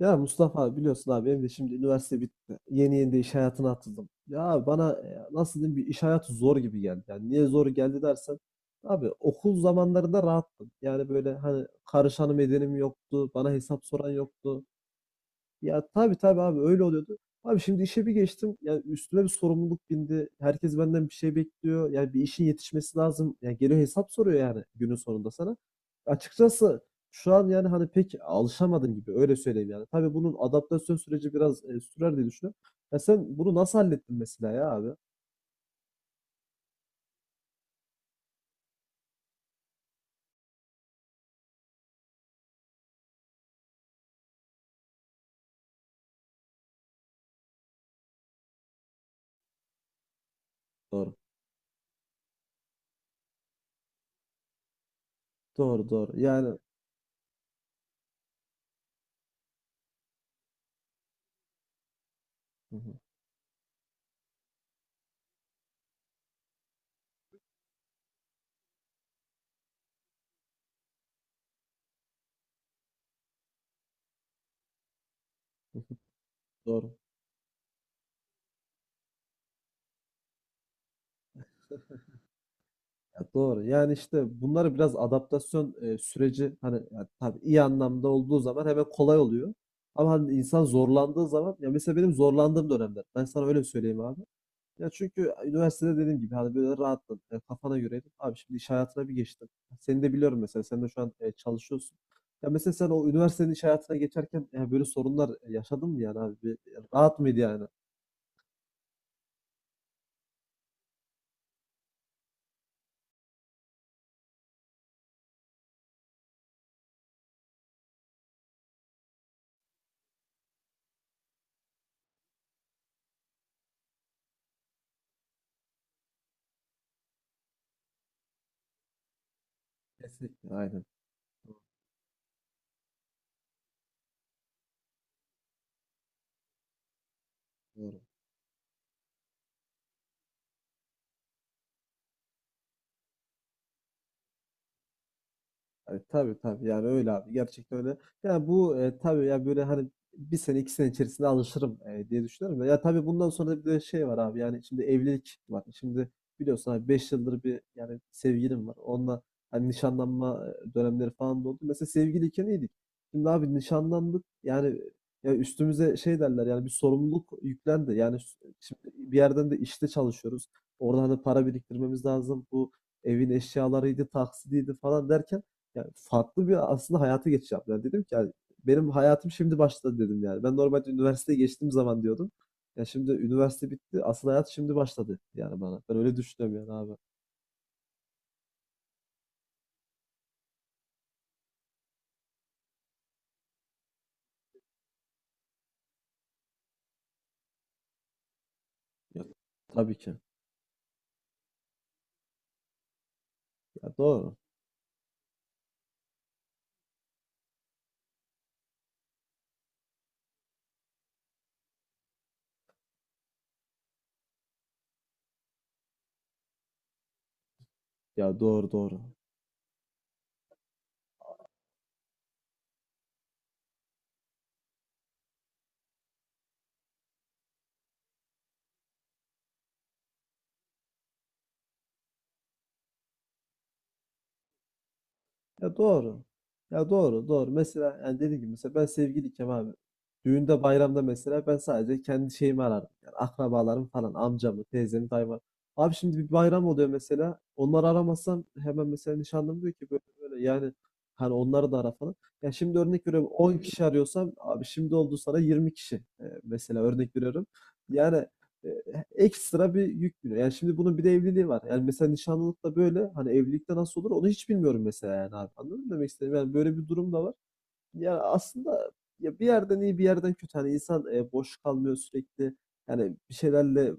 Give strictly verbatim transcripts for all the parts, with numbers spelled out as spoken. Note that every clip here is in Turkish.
Ya Mustafa biliyorsun abi benim de şimdi üniversite bitti. Yeni yeni de iş hayatına atıldım. Ya bana e, nasıl diyeyim bir iş hayatı zor gibi geldi. Yani niye zor geldi dersen abi okul zamanlarında rahattım. Yani böyle hani karışanım edenim yoktu. Bana hesap soran yoktu. Ya tabii tabii abi öyle oluyordu. Abi şimdi işe bir geçtim. Yani üstüme bir sorumluluk bindi. Herkes benden bir şey bekliyor. Yani bir işin yetişmesi lazım. Yani geliyor hesap soruyor yani günün sonunda sana. Açıkçası şu an yani hani pek alışamadım gibi öyle söyleyeyim yani. Tabii bunun adaptasyon süreci biraz e, sürer diye düşünüyorum. Ya sen bunu nasıl hallettin mesela ya abi? Doğru. Doğru doğru. Yani Hı hı, hı hı, doğru. Ya doğru. Yani işte bunları biraz adaptasyon e, süreci hani ya tabii iyi anlamda olduğu zaman hemen kolay oluyor. Ama hani insan zorlandığı zaman ya mesela benim zorlandığım dönemler. Ben sana öyle söyleyeyim abi. Ya çünkü üniversitede dediğim gibi hani böyle rahattın. E, kafana göreydim. Abi şimdi iş hayatına bir geçtim. Seni de biliyorum mesela. Sen de şu an e, çalışıyorsun. Ya mesela sen o üniversitenin iş hayatına geçerken e, böyle sorunlar yaşadın mı yani abi? Bir- rahat mıydı yani? Kesinlikle. Aynen. Doğru. Tabi tabii tabii yani öyle abi gerçekten öyle. Ya bu e, tabii ya böyle hani bir sene iki sene içerisinde alışırım e, diye düşünüyorum. da. Ya tabii bundan sonra da bir de şey var abi yani şimdi evlilik var. Şimdi biliyorsun abi beş yıldır bir yani sevgilim var. Onunla hani nişanlanma e, dönemleri falan da oldu. Mesela sevgiliyken iyiydik. Şimdi abi nişanlandık yani ya üstümüze şey derler yani bir sorumluluk yüklendi. Yani şimdi bir yerden de işte çalışıyoruz. Oradan da para biriktirmemiz lazım. Bu evin eşyalarıydı, taksidiydi falan derken ya, farklı bir aslında hayata geçiş yaptılar. Dedim ki, hani, "Benim hayatım şimdi başladı." dedim yani. Ben normalde üniversiteye geçtiğim zaman diyordum. Ya, şimdi üniversite bitti, asıl hayat şimdi başladı yani bana. Ben öyle düşünüyorum yani abi. Ya Tabii ki. Ya, doğru. Ya, doğru, doğru. Ya doğru. Ya doğru, doğru. Mesela yani dediğim gibi mesela ben sevgiliyken abi düğünde bayramda mesela ben sadece kendi şeyimi ararım. Yani akrabalarım falan amcamı, teyzemi, dayımı. Abi şimdi bir bayram oluyor mesela. Onları aramazsam hemen mesela nişanlım diyor ki böyle, böyle yani hani onları da ara falan. Ya şimdi örnek veriyorum on kişi arıyorsam abi şimdi oldu sana yirmi kişi. Ee, mesela örnek veriyorum. Yani e, ekstra bir yük biniyor. Yani şimdi bunun bir de evliliği var. Yani mesela nişanlılıkta böyle, hani evlilikte nasıl olur onu hiç bilmiyorum mesela yani abi. Anladın mı demek istediğim Yani böyle bir durum da var. yani aslında ya bir yerden iyi bir yerden kötü. Hani insan eee, boş kalmıyor sürekli. Yani bir şeylerle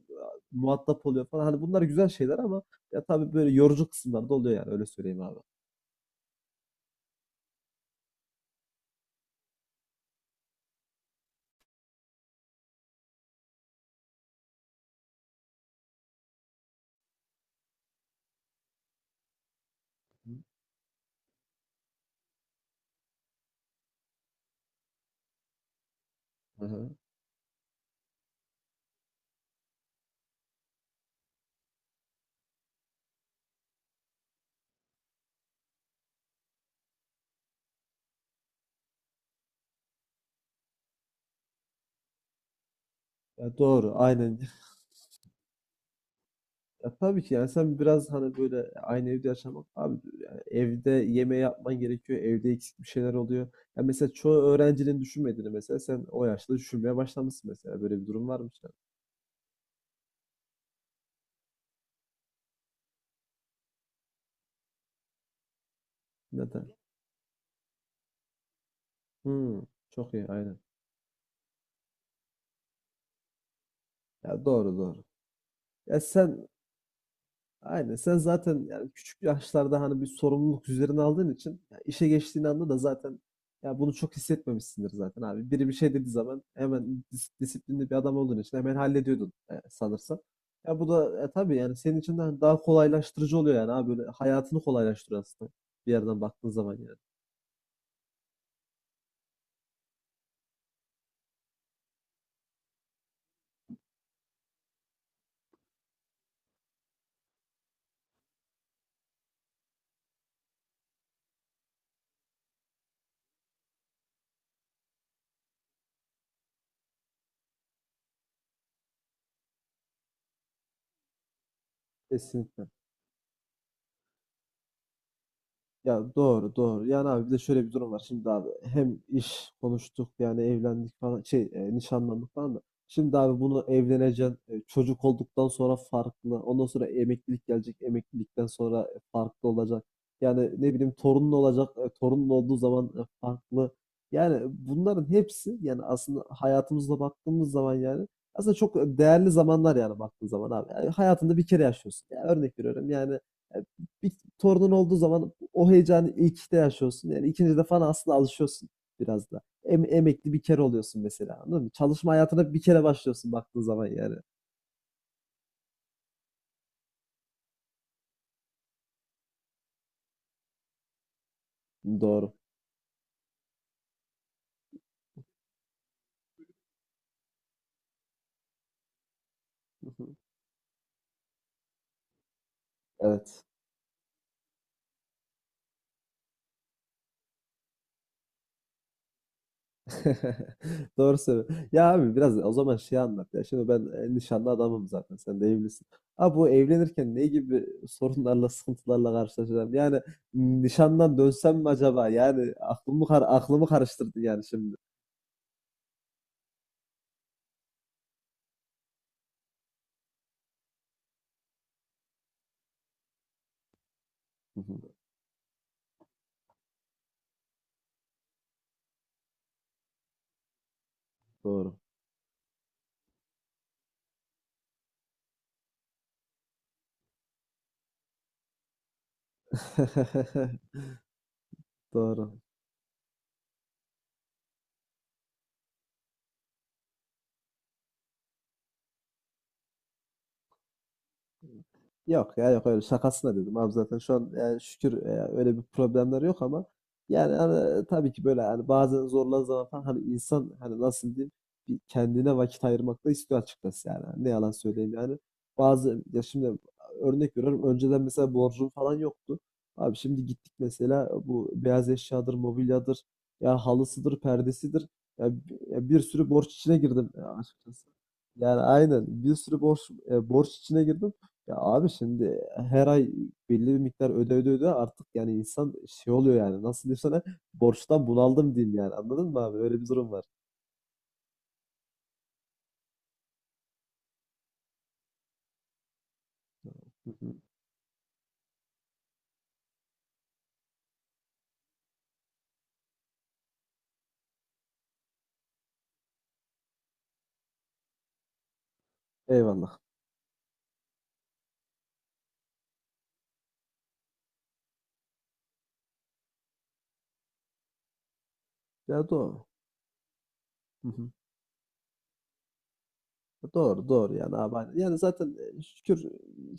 muhatap oluyor falan. Hani bunlar güzel şeyler ama ya tabii böyle yorucu kısımlar da oluyor yani öyle söyleyeyim abi. Hı hı. Ya doğru aynen. Ya tabii ki yani sen biraz hani böyle aynı evde yaşamak abi yani evde yeme yapman gerekiyor. Evde eksik bir şeyler oluyor. Ya mesela çoğu öğrencinin düşünmediğini mesela sen o yaşta düşünmeye başlamışsın mesela. Böyle bir durum varmış yani. Neden? Hmm, çok iyi aynen. Ya doğru doğru. Ya sen Aynen. Sen zaten yani küçük yaşlarda hani bir sorumluluk üzerine aldığın için ya işe geçtiğin anda da zaten ya bunu çok hissetmemişsindir zaten abi. Biri bir şey dediği zaman hemen dis- disiplinli bir adam olduğun için hemen hallediyordun e, sanırsam. Ya bu da e, tabii yani senin için de hani daha kolaylaştırıcı oluyor yani abi böyle hayatını kolaylaştırıyor aslında bir yerden baktığın zaman yani. Kesinlikle. Ya doğru doğru. Yani abi bir de şöyle bir durum var. Şimdi abi hem iş konuştuk yani evlendik falan şey e, nişanlandık falan da. Şimdi abi bunu evleneceksin. E, çocuk olduktan sonra farklı. Ondan sonra emeklilik gelecek. Emeklilikten sonra e, farklı olacak. Yani ne bileyim torunun olacak. E, torunun olduğu zaman e, farklı. Yani bunların hepsi yani aslında hayatımızda baktığımız zaman yani aslında çok e, değerli zamanlar yani baktığın zaman abi. Yani hayatında bir kere yaşıyorsun. Yani örnek veriyorum yani e, bir torunun olduğu zaman o heyecanı ilkte yaşıyorsun. Yani ikinci de falan aslında alışıyorsun biraz da. Em- emekli bir kere oluyorsun mesela. Anladın mı? Çalışma hayatına bir kere başlıyorsun baktığın zaman yani. Doğru. Evet. Doğru söylüyorsun. Ya abi biraz o zaman şey anlat ya. Şimdi ben e, nişanlı adamım zaten. Sen de evlisin. Abi bu evlenirken ne gibi sorunlarla, sıkıntılarla karşılaşacağım? Yani m, nişandan dönsem mi acaba? Yani aklımı kar aklımı karıştırdın yani şimdi. Doğru. Doğru. Yok ya yok öyle şakasına dedim abi zaten şu an yani şükür e, öyle bir problemler yok ama yani hani, e, tabii ki böyle hani bazen zorlan zaman falan hani insan hani nasıl diyeyim bir kendine vakit ayırmak da istiyor açıkçası yani. Hani Ne yalan söyleyeyim yani. Bazı ya şimdi örnek veriyorum önceden mesela borcum falan yoktu. Abi şimdi gittik mesela bu beyaz eşyadır, mobilyadır, ya halısıdır, perdesidir. Ya, bi- ya bir sürü borç içine girdim e, açıkçası. Yani aynen bir sürü borç e, borç içine girdim. Ya abi şimdi her ay belli bir miktar öde öde öde artık yani insan şey oluyor yani nasıl diyeyim sana borçtan bunaldım diyeyim yani anladın mı abi öyle bir durum var. Hı hı. Eyvallah. Ya doğru. Hı hı. Doğru, doğru yani abi, aynen. Yani zaten, eee, şükür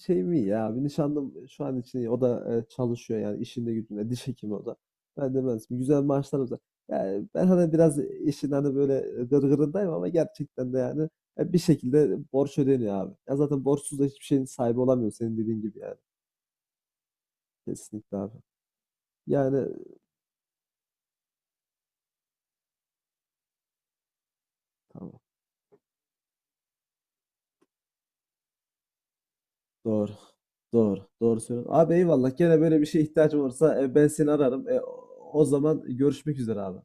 şey mi ya abi, nişanlım şu an için iyi. O da, eee, çalışıyor yani işinde gücünde, diş hekimi o da. Ben de mühendisim. Güzel maaşlarımız var. Yani ben hani biraz işin hani böyle gırgırındayım ama gerçekten de yani, eee, bir şekilde borç ödeniyor abi. Ya zaten borçsuz da hiçbir şeyin sahibi olamıyor senin dediğin gibi yani. Kesinlikle abi. Yani tamam. Doğru. Doğru. Doğru söylüyorsun. Abi eyvallah. Gene böyle bir şeye ihtiyacım olursa, eee, ben seni ararım. Eee, o o zaman görüşmek üzere abi.